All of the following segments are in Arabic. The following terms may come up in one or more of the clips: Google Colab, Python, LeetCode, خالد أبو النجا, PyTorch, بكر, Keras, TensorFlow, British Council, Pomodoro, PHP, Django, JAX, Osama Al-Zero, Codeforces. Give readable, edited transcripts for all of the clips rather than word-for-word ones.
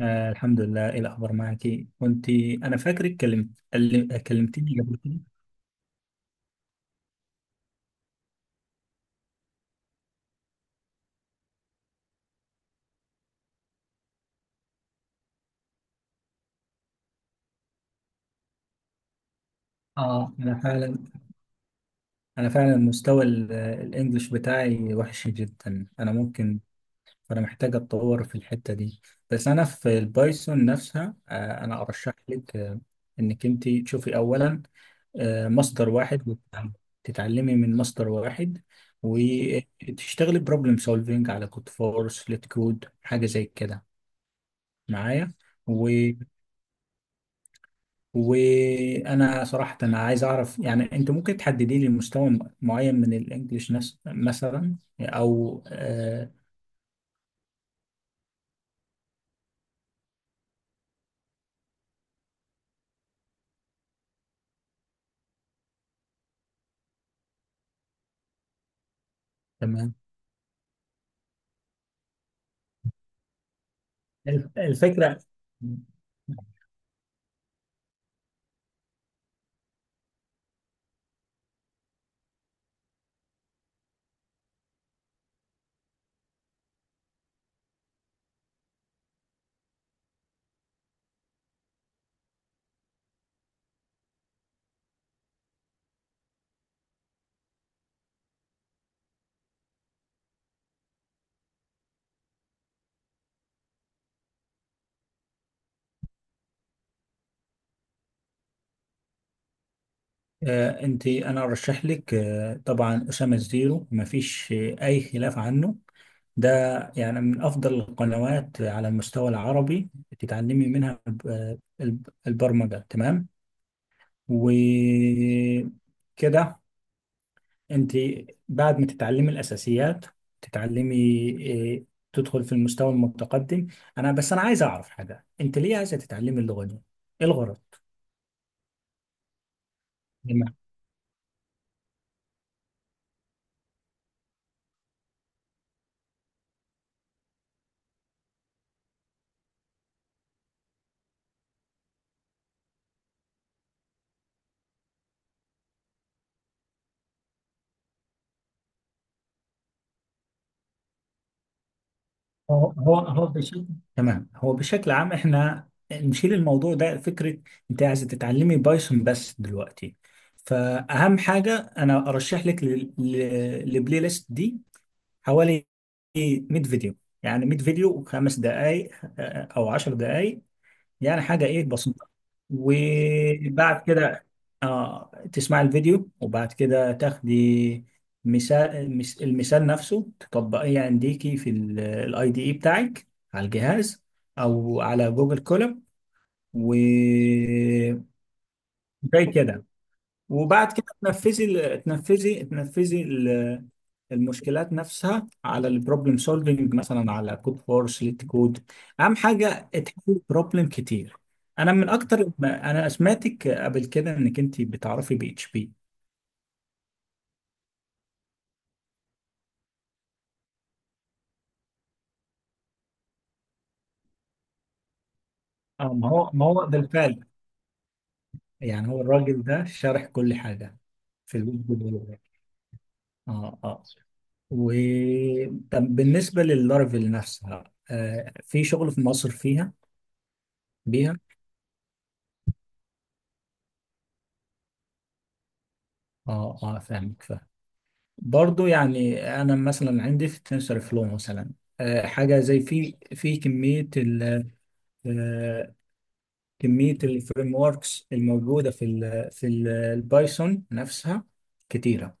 آه، الحمد لله. ايه الاخبار معك؟ كنت انا فاكرك كلمتني قبل كده. اه انا فعلا انا فعلا مستوى الانجليش بتاعي وحش جدا. انا ممكن فانا محتاج اتطور في الحتة دي. بس انا في البايثون نفسها، انا ارشح لك انك انت تشوفي اولا مصدر واحد، تتعلمي من مصدر واحد، وتشتغلي بروبلم سولفينج على كود فورس ليت كود، حاجة زي كده، معايا. وانا صراحة، أنا عايز اعرف، يعني انت ممكن تحددي لي مستوى معين من الانجليش، مثلا. او آه تمام. الفكرة. آه انت انا ارشح لك، طبعا أسامة الزيرو مفيش اي خلاف عنه. ده يعني من أفضل القنوات على المستوى العربي، تتعلمي منها البرمجة. تمام وكده. انت، بعد ما تتعلمي الاساسيات، تتعلمي إيه، تدخل في المستوى المتقدم. انا، بس انا عايز اعرف حاجه، انت ليه عايزه تتعلمي اللغه دي؟ ايه الغرض؟ تمام. هو هو هو بشكل تمام، هو بشكل عام احنا نشيل الموضوع ده فكره. انت عايزه تتعلمي بايثون بس دلوقتي، فاهم حاجه؟ انا ارشح لك للبلاي ليست دي، حوالي 100 فيديو، يعني 100 فيديو وخمس دقائق او 10 دقائق، يعني حاجة بسيطة. وبعد كده تسمع الفيديو، وبعد كده تاخدي مثال، المثال نفسه تطبقيه، يعني عنديكي في الاي دي اي بتاعك على الجهاز، أو على جوجل كولاب، وزي كده. وبعد كده تنفذي ال- المشكلات نفسها على البروبلم سولفنج، مثلا على كود فورس ليت كود. اهم حاجه تحل بروبلم كتير. انا من اكتر ما انا سمعتك قبل كده، انك انت بتعرفي بي اتش بي. اه، ما هو ده الفعل. يعني هو الراجل ده شارح كل حاجه في الويب ديفلوبر. اه اه و طب بالنسبه لللارفل نفسها، في شغل في مصر فيها بيها؟ اه فاهمك فاهمك. برضو يعني انا مثلا عندي في تنسر فلو مثلا، حاجه زي في في كميه ال آه، كميه الفريم وركس الموجوده في ال- البايثون نفسها، كتيره.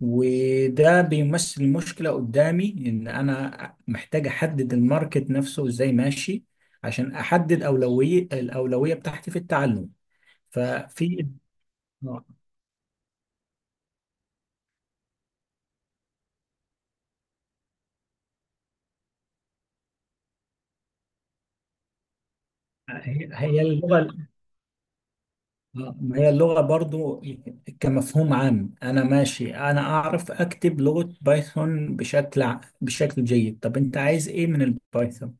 وده بيمثل مشكله قدامي، ان انا محتاج احدد الماركت نفسه ازاي ماشي، عشان احدد اولويه، بتاعتي في التعلم. ففي آه، هي هي اللغه آه، ما هي اللغة برضو، كمفهوم عام. أنا ماشي، أنا أعرف أكتب لغة بايثون بشكل جيد. طب أنت عايز إيه من البايثون؟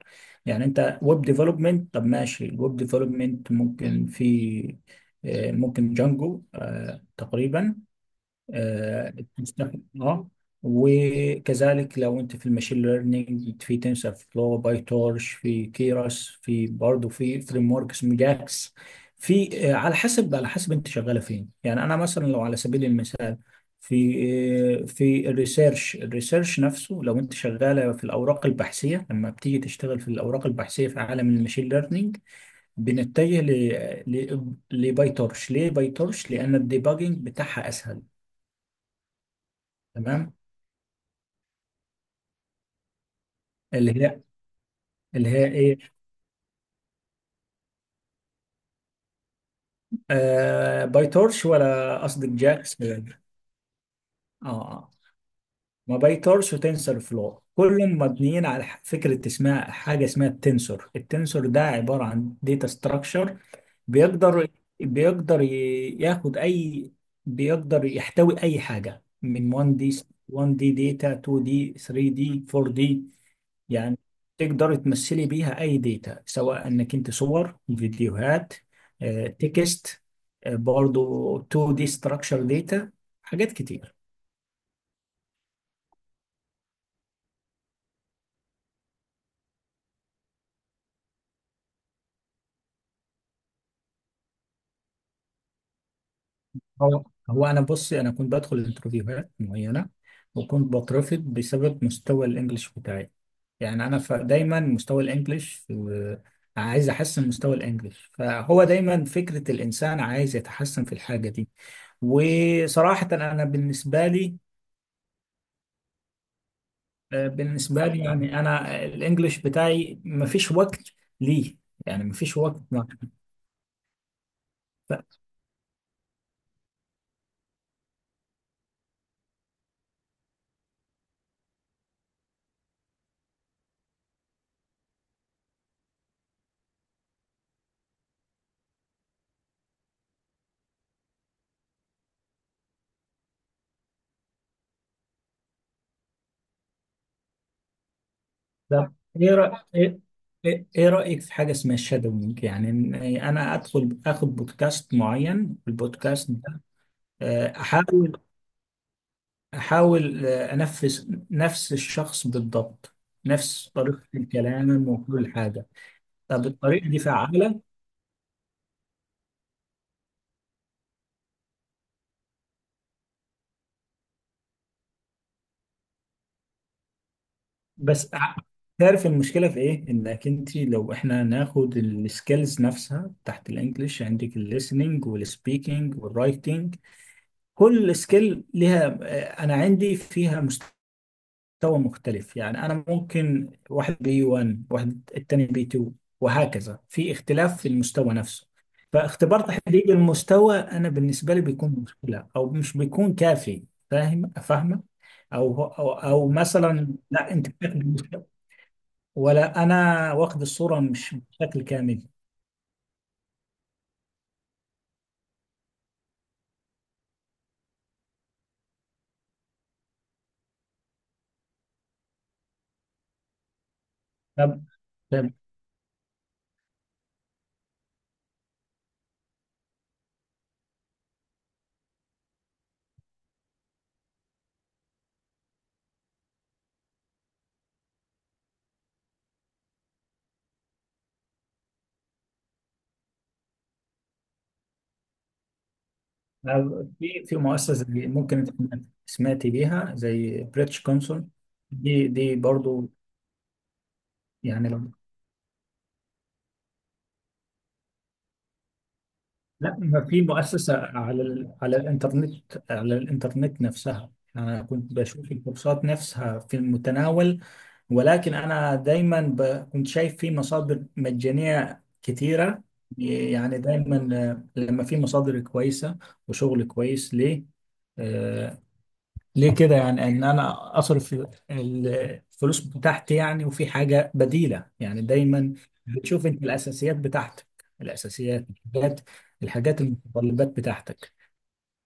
يعني أنت ويب ديفلوبمنت؟ طب ماشي، الويب ديفلوبمنت ممكن في آه، ممكن جانجو، تقريبا، آه، تستخدم- اه وكذلك لو انت في الماشين ليرنينج، في تنسر فلو، باي تورش، في كيراس، في برضه في فريم ورك اسمه جاكس. في آه، على حسب، انت شغاله فين. يعني انا مثلا لو على سبيل المثال في في الريسيرش نفسه، لو انت شغاله في الاوراق البحثيه، لما بتيجي تشتغل في الاوراق البحثيه في عالم الماشين ليرنينج، بنتجه لباي تورش. ليه باي تورش؟ لان الديباجنج بتاعها اسهل. تمام. اللي هي اللي هي ايه، باي تورش ولا قصدك جاكس؟ اه. آه. ما باي تورش وتنسر فلو كلهم مبنيين على فكره اسمها، حاجه اسمها التنسور. التنسور ده عباره عن داتا ستراكشر، بيقدر بيقدر ي- ياخد اي بيقدر يحتوي اي حاجه من 1 دي، 1 دي داتا، 2 دي، 3 دي، 4 دي. يعني تقدر تمثلي بيها اي داتا، سواء انك انت صور، فيديوهات، تكست، برضو 2 دي ستراكشر داتا، حاجات كتير. هو هو انا بصي، انا كنت بدخل انترفيوهات معينه، وكنت بترفض بسبب مستوى الانجليش بتاعي. يعني انا، دايما مستوى الانجليش، عايز احسن مستوى الانجليش، فهو دايما فكره الانسان عايز يتحسن في الحاجه دي. وصراحه انا بالنسبه لي، يعني انا الانجليش بتاعي ما فيش وقت ليه، يعني ما فيش وقت. طب ايه رأ... ايه ايه إيه رأيك في حاجة اسمها شادوينج؟ يعني إن انا ادخل اخد بودكاست معين، البودكاست ده احاول، انفذ نفس الشخص بالضبط، نفس طريقة الكلام وكل حاجة. طب الطريقة دي فعالة؟ بس ع- تعرف المشكلة في ايه؟ انك انت، لو احنا ناخد السكيلز نفسها تحت الانجليش، عندك الليسننج والسبيكنج والرايتنج، كل سكيل ليها، انا عندي فيها تو مختلف. يعني انا ممكن واحد بي 1، واحد التاني بي 2، وهكذا. في اختلاف في المستوى نفسه. فاختبار تحديد المستوى انا بالنسبه لي بيكون مشكله، او مش بيكون كافي. فاهم فاهمه. او مثلا، لا، انت بتاخد المستوى، ولا انا واخد الصوره مش بشكل كامل. طب، طب في مؤسسه ممكن انت سمعتي بيها، زي بريتش كونسول، دي برضو؟ يعني لا، ما في مؤسسة على الإنترنت. على الإنترنت نفسها أنا كنت بشوف الكورسات نفسها في المتناول، ولكن أنا دايما كنت شايف في مصادر مجانية كتيرة. يعني دايما، لما في مصادر كويسة وشغل كويس، آه، ليه كده؟ يعني ان انا اصرف الفلوس بتاعتي، يعني وفي حاجه بديله. يعني دايما بتشوف انت الاساسيات بتاعتك، الاساسيات، الحاجات، المتطلبات بتاعتك.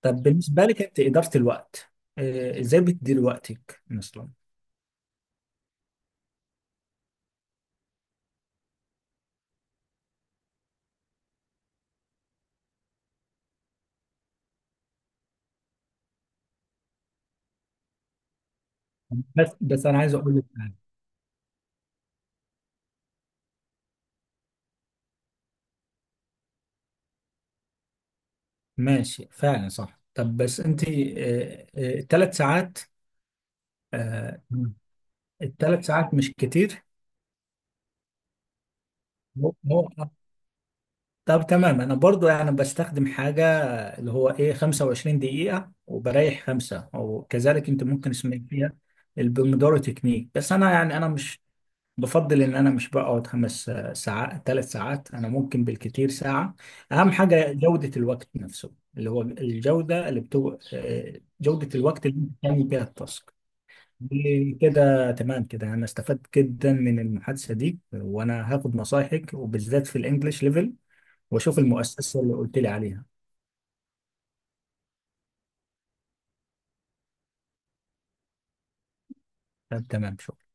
طب بالنسبه لك انت، اداره الوقت ازاي بتدير وقتك مثلا؟ بس بس انا عايز اقول لك حاجة. ماشي، فعلا، صح. طب بس انت، الثلاث ساعات آه، الثلاث ساعات مش كتير؟ هو هو- طب تمام. انا برضو يعني بستخدم حاجه، اللي هو 25 دقيقة وبريح خمسة، وكذلك انت ممكن اسمي فيها البومودورو تكنيك. بس انا، يعني انا مش بفضل ان انا مش بقعد 5 ساعات، 3 ساعات. انا ممكن بالكتير ساعة. اهم حاجة جودة الوقت نفسه، اللي هو الجودة اللي بتو... آه، جودة الوقت اللي انت بتعمل بيها التاسك. دي كده تمام. كده انا استفدت جدا من المحادثة دي، وانا هاخد نصايحك، وبالذات في الانجليش ليفل، واشوف المؤسسة اللي قلت لي عليها. طب تمام، شكرا.